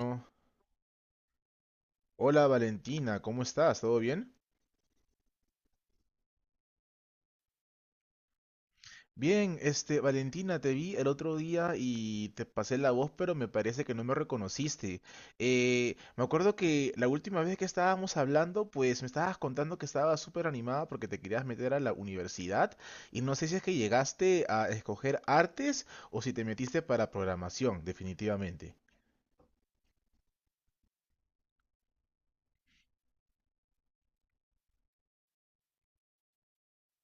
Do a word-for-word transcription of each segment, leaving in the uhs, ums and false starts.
No. Hola Valentina, ¿cómo estás? ¿Todo bien? Bien, este, Valentina, te vi el otro día y te pasé la voz, pero me parece que no me reconociste. Eh, me acuerdo que la última vez que estábamos hablando, pues me estabas contando que estabas súper animada porque te querías meter a la universidad y no sé si es que llegaste a escoger artes o si te metiste para programación, definitivamente.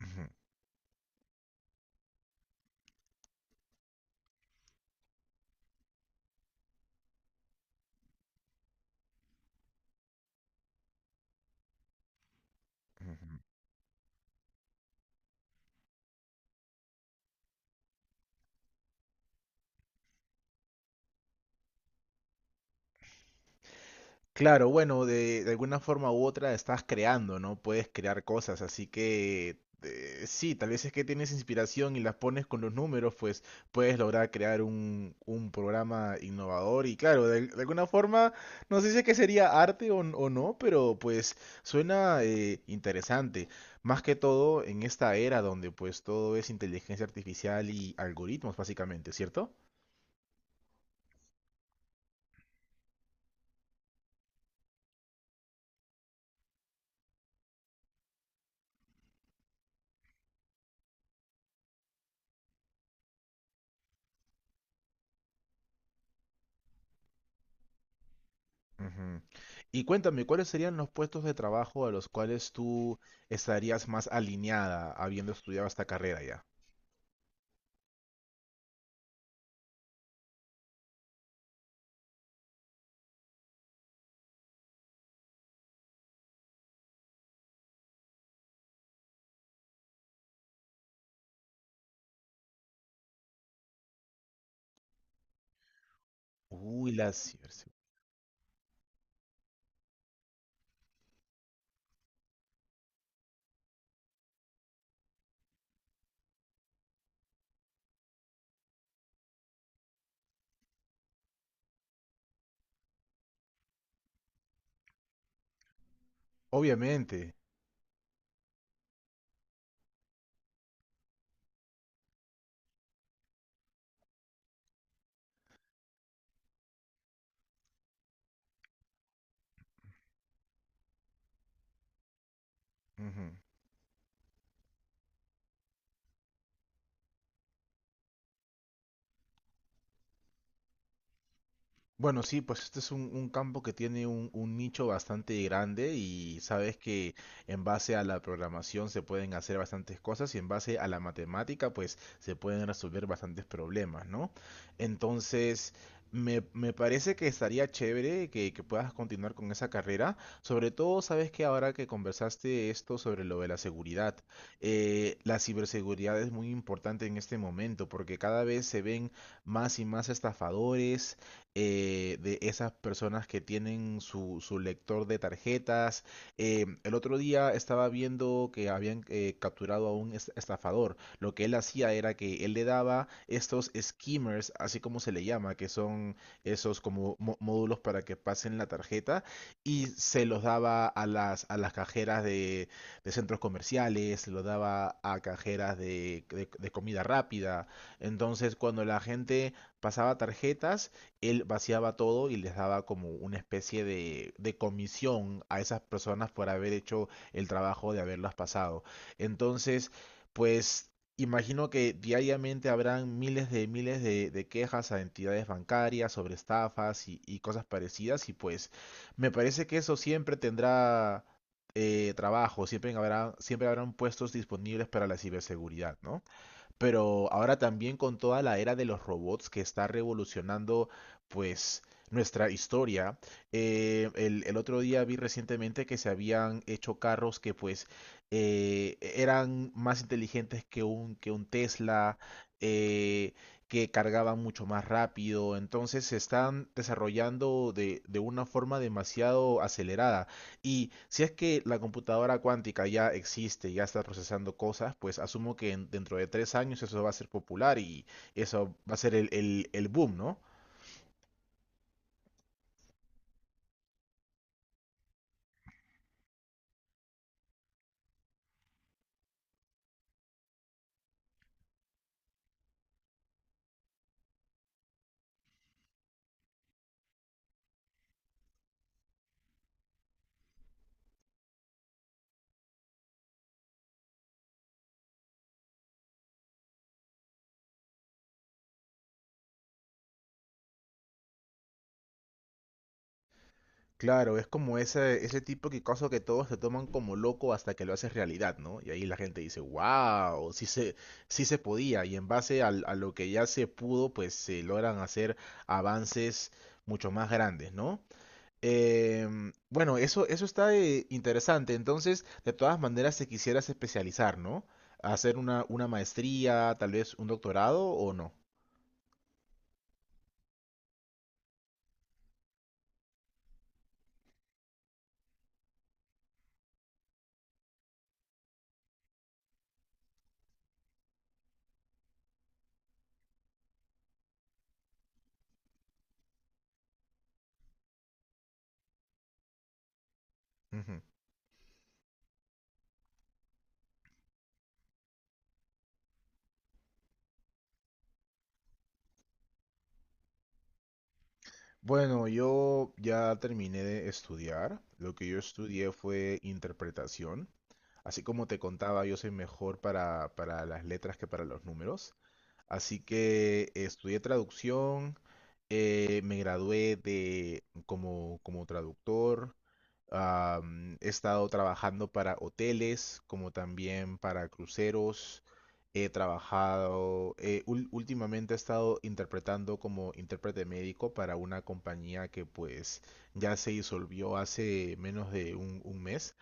Ujú, ujú. Claro, bueno, de, de alguna forma u otra estás creando, ¿no? Puedes crear cosas, así que eh, sí, tal vez es que tienes inspiración y las pones con los números, pues puedes lograr crear un, un programa innovador y claro, de, de alguna forma, no sé si es que sería arte o, n- o no, pero pues suena eh, interesante. Más que todo en esta era donde pues todo es inteligencia artificial y algoritmos, básicamente, ¿cierto? Ujú. Y cuéntame, ¿cuáles serían los puestos de trabajo a los cuales tú estarías más alineada habiendo estudiado esta carrera ya? Uy, la ciberseguridad. Obviamente. Ujú. Bueno, sí, pues este es un, un campo que tiene un, un nicho bastante grande y sabes que en base a la programación se pueden hacer bastantes cosas y en base a la matemática pues se pueden resolver bastantes problemas, ¿no? Entonces, me, me parece que estaría chévere que, que puedas continuar con esa carrera, sobre todo sabes que ahora que conversaste esto sobre lo de la seguridad, eh, la ciberseguridad es muy importante en este momento porque cada vez se ven más y más estafadores eh, de esas personas que tienen su, su lector de tarjetas. Eh, el otro día estaba viendo que habían eh, capturado a un es- estafador. Lo que él hacía era que él le daba estos skimmers, así como se le llama, que son esos como mo- módulos para que pasen la tarjeta, y se los daba a las, a las cajeras de, de centros comerciales, se los daba a cajeras de, de de comida rápida. Entonces, cuando la gente pasaba tarjetas, él vaciaba todo y les daba como una especie de, de comisión a esas personas por haber hecho el trabajo de haberlas pasado. Entonces, pues imagino que diariamente habrán miles de miles de, de quejas a entidades bancarias sobre estafas y, y cosas parecidas y pues me parece que eso siempre tendrá eh, trabajo, siempre habrá, siempre habrán puestos disponibles para la ciberseguridad, ¿no? Pero ahora también con toda la era de los robots que está revolucionando, pues, nuestra historia. Eh, el, el otro día vi recientemente que se habían hecho carros que, pues, eh, eran más inteligentes que un, que un Tesla, eh, que cargaban mucho más rápido. Entonces se están desarrollando de, de una forma demasiado acelerada. Y si es que la computadora cuántica ya existe, ya está procesando cosas, pues asumo que en- dentro de tres años eso va a ser popular y eso va a ser el, el- el boom, ¿no? Claro, es como ese, ese tipo de caso que todos te toman como loco hasta que lo haces realidad, ¿no? Y ahí la gente dice, wow, sí se, sí se podía. Y en base al- a lo que ya se pudo, pues se logran hacer avances mucho más grandes, ¿no? Em, bueno, eso, eso está eh, interesante. Entonces, de todas maneras, te quisieras especializar, ¿no? Hacer una, una maestría, tal vez un doctorado o no. Ujú. Bueno, yo ya terminé de estudiar. Lo que yo estudié fue interpretación. Así como te contaba, yo soy mejor para, para las letras que para los números. Así que estudié traducción, eh, me gradué de, como, como traductor, am, he estado trabajando para hoteles, como también para cruceros, he trabajado, eh, ul- últimamente he estado interpretando como intérprete médico para una compañía que pues ya se disolvió hace menos de un un mes.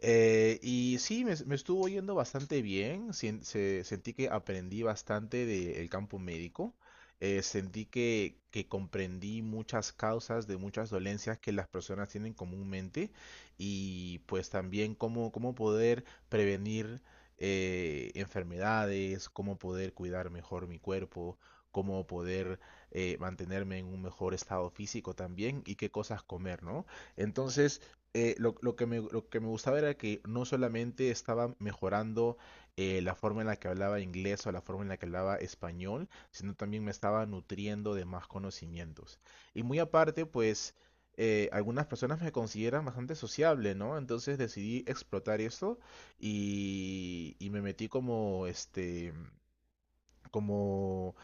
Eh, y sí, me, me estuvo yendo bastante bien. Sien- se- sentí que aprendí bastante del campo médico. Eh, sentí que, que comprendí muchas causas de muchas dolencias que las personas tienen comúnmente y pues también cómo, cómo poder prevenir eh, enfermedades, cómo poder cuidar mejor mi cuerpo, cómo poder eh, mantenerme en un mejor estado físico también y qué cosas comer, ¿no? Entonces eh, lo, lo que me, lo que me gustaba era que no solamente estaba mejorando eh, la forma en la que hablaba inglés o la forma en la que hablaba español, sino también me estaba nutriendo de más conocimientos. Y muy aparte, pues eh, algunas personas me consideran bastante sociable, ¿no? Entonces decidí explotar eso y, y me metí como, este, como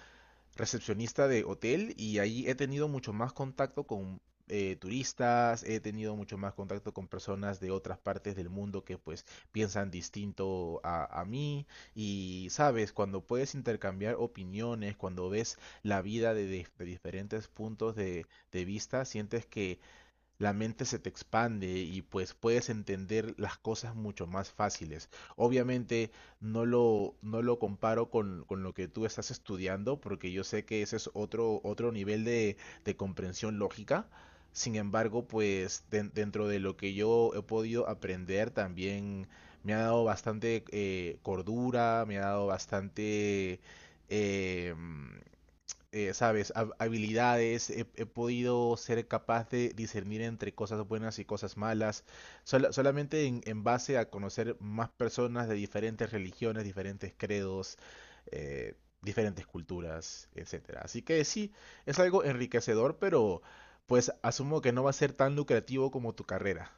recepcionista de hotel y ahí he tenido mucho más contacto con eh, turistas, he tenido mucho más contacto con personas de otras partes del mundo que pues piensan distinto a, a mí y sabes, cuando puedes intercambiar opiniones, cuando ves la vida de, de- de diferentes puntos de, de vista, sientes que la mente se te expande y pues puedes entender las cosas mucho más fáciles. Obviamente no lo, no lo comparo con, con lo que tú estás estudiando porque yo sé que ese es otro, otro nivel de, de comprensión lógica. Sin embargo, pues den- dentro de lo que yo he podido aprender también me ha dado bastante eh, cordura, me ha dado bastante... em, eh, sabes, hab- habilidades, he, he podido ser capaz de discernir entre cosas buenas y cosas malas, sola- solamente en, en base a conocer más personas de diferentes religiones, diferentes credos, eh, diferentes culturas, etcétera. Así que sí, es algo enriquecedor, pero pues asumo que no va a ser tan lucrativo como tu carrera.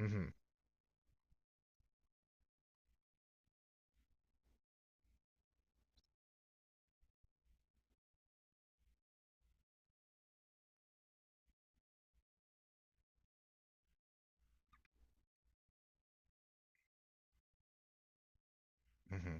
Ujú, ujú,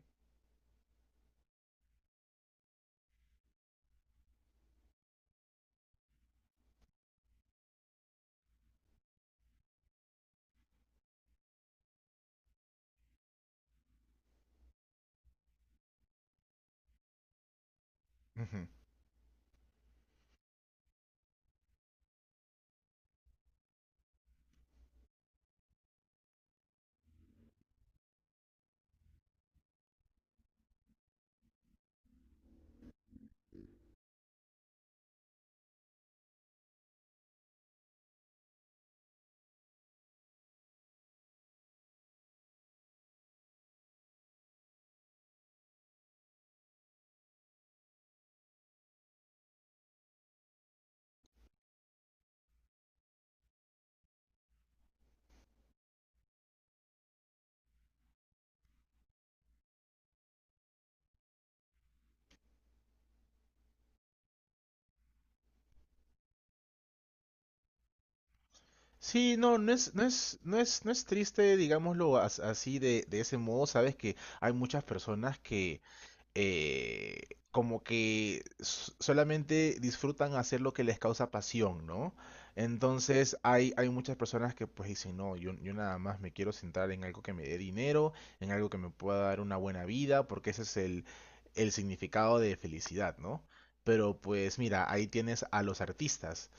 ujú. Sí, no, no es, no es, no es, no es triste, digámoslo as- así de, de ese modo. Sabes que hay muchas personas que eh, como que s- solamente disfrutan hacer lo que les causa pasión, ¿no? Entonces hay, hay muchas personas que pues dicen, no, yo, yo nada más me quiero centrar en algo que me dé dinero, en algo que me pueda dar una buena vida, porque ese es el, el significado de felicidad, ¿no? Pero pues mira, ahí tienes a los artistas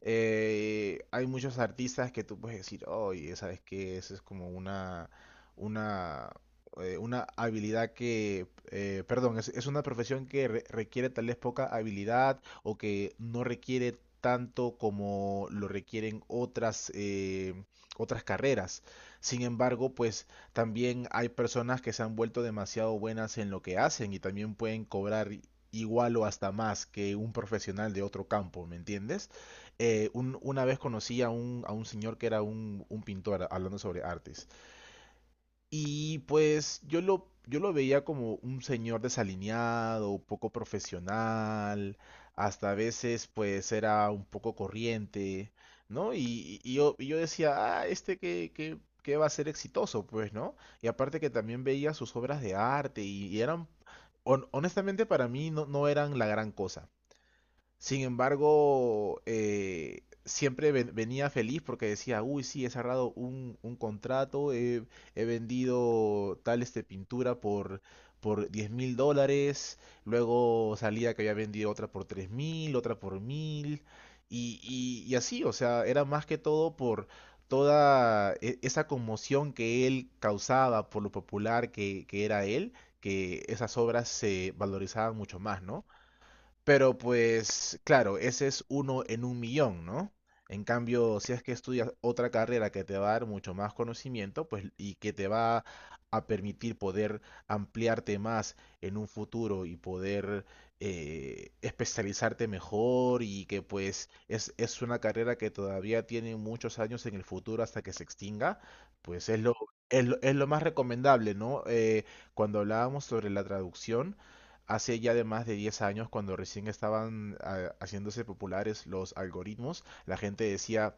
eh, hay muchos artistas que tú puedes decir, oye, ¿sabes qué? Esa es como una, una, eh, una habilidad que, eh, perdón, es, es una profesión que re- requiere tal vez poca habilidad o que no requiere tanto como lo requieren otras, eh, otras carreras. Sin embargo, pues también hay personas que se han vuelto demasiado buenas en lo que hacen y también pueden cobrar igual o hasta más que un profesional de otro campo, ¿me entiendes? Eh, un- una vez conocí a un, a un señor que era un, un pintor hablando sobre artes. Y pues yo lo, yo lo veía como un señor desalineado, poco profesional, hasta a veces pues era un poco corriente, ¿no? Y, y yo, y yo decía, ah, este que, que, que va a ser exitoso, pues, ¿no? Y aparte que también veía sus obras de arte y, y eran, hon- honestamente para mí no, no eran la gran cosa. Sin embargo, eh, siempre ven- venía feliz porque decía, uy, sí, he cerrado un, un contrato, he, he vendido tal este pintura por, por diez mil dólares, luego salía que había vendido otra por tres mil, otra por mil, y, y, y así, o sea, era más que todo por toda e- esa conmoción que él causaba por lo popular que, que era él, que esas obras se valorizaban mucho más, ¿no? Pero pues, claro, ese es uno en un millón, ¿no? En cambio, si es que estudias otra carrera que te va a dar mucho más conocimiento, pues, y que te va a permitir poder ampliarte más en un futuro y poder eh, especializarte mejor y que pues es, es una carrera que todavía tiene muchos años en el futuro hasta que se extinga, pues es lo, es lo, es lo más recomendable, ¿no? Eh, cuando hablábamos sobre la traducción, hace ya de más de diez años, cuando recién estaban ah, haciéndose populares los algoritmos, la gente decía,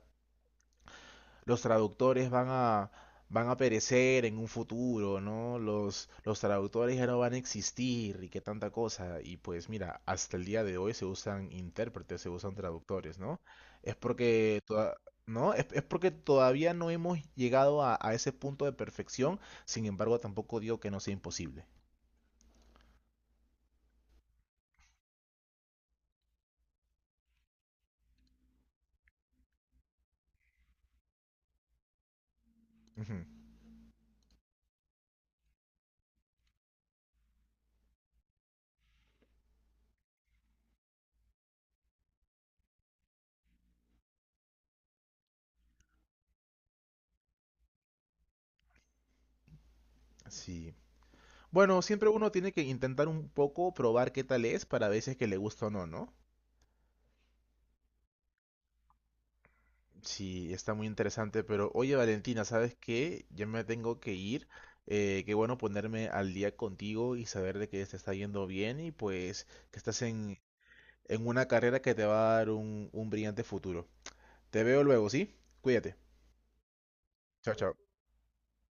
los traductores van a, van a perecer en un futuro, ¿no? Los, los traductores ya no van a existir y qué tanta cosa. Y pues mira, hasta el día de hoy se usan intérpretes, se usan traductores, ¿no? Es porque toda- ¿No? Es, es porque todavía no hemos llegado a, a ese punto de perfección, sin embargo tampoco digo que no sea imposible. Ujú. Sí. Bueno, siempre uno tiene que intentar un poco probar qué tal es para veces que le gusta o no, ¿no? Sí, está muy interesante, pero oye Valentina, ¿sabes qué? Ya me tengo que ir. Eh, qué bueno ponerme al día contigo y saber de que te está yendo bien y pues que estás en, en una carrera que te va a dar un, un brillante futuro. Te veo luego, ¿sí? Cuídate. Chao, chao.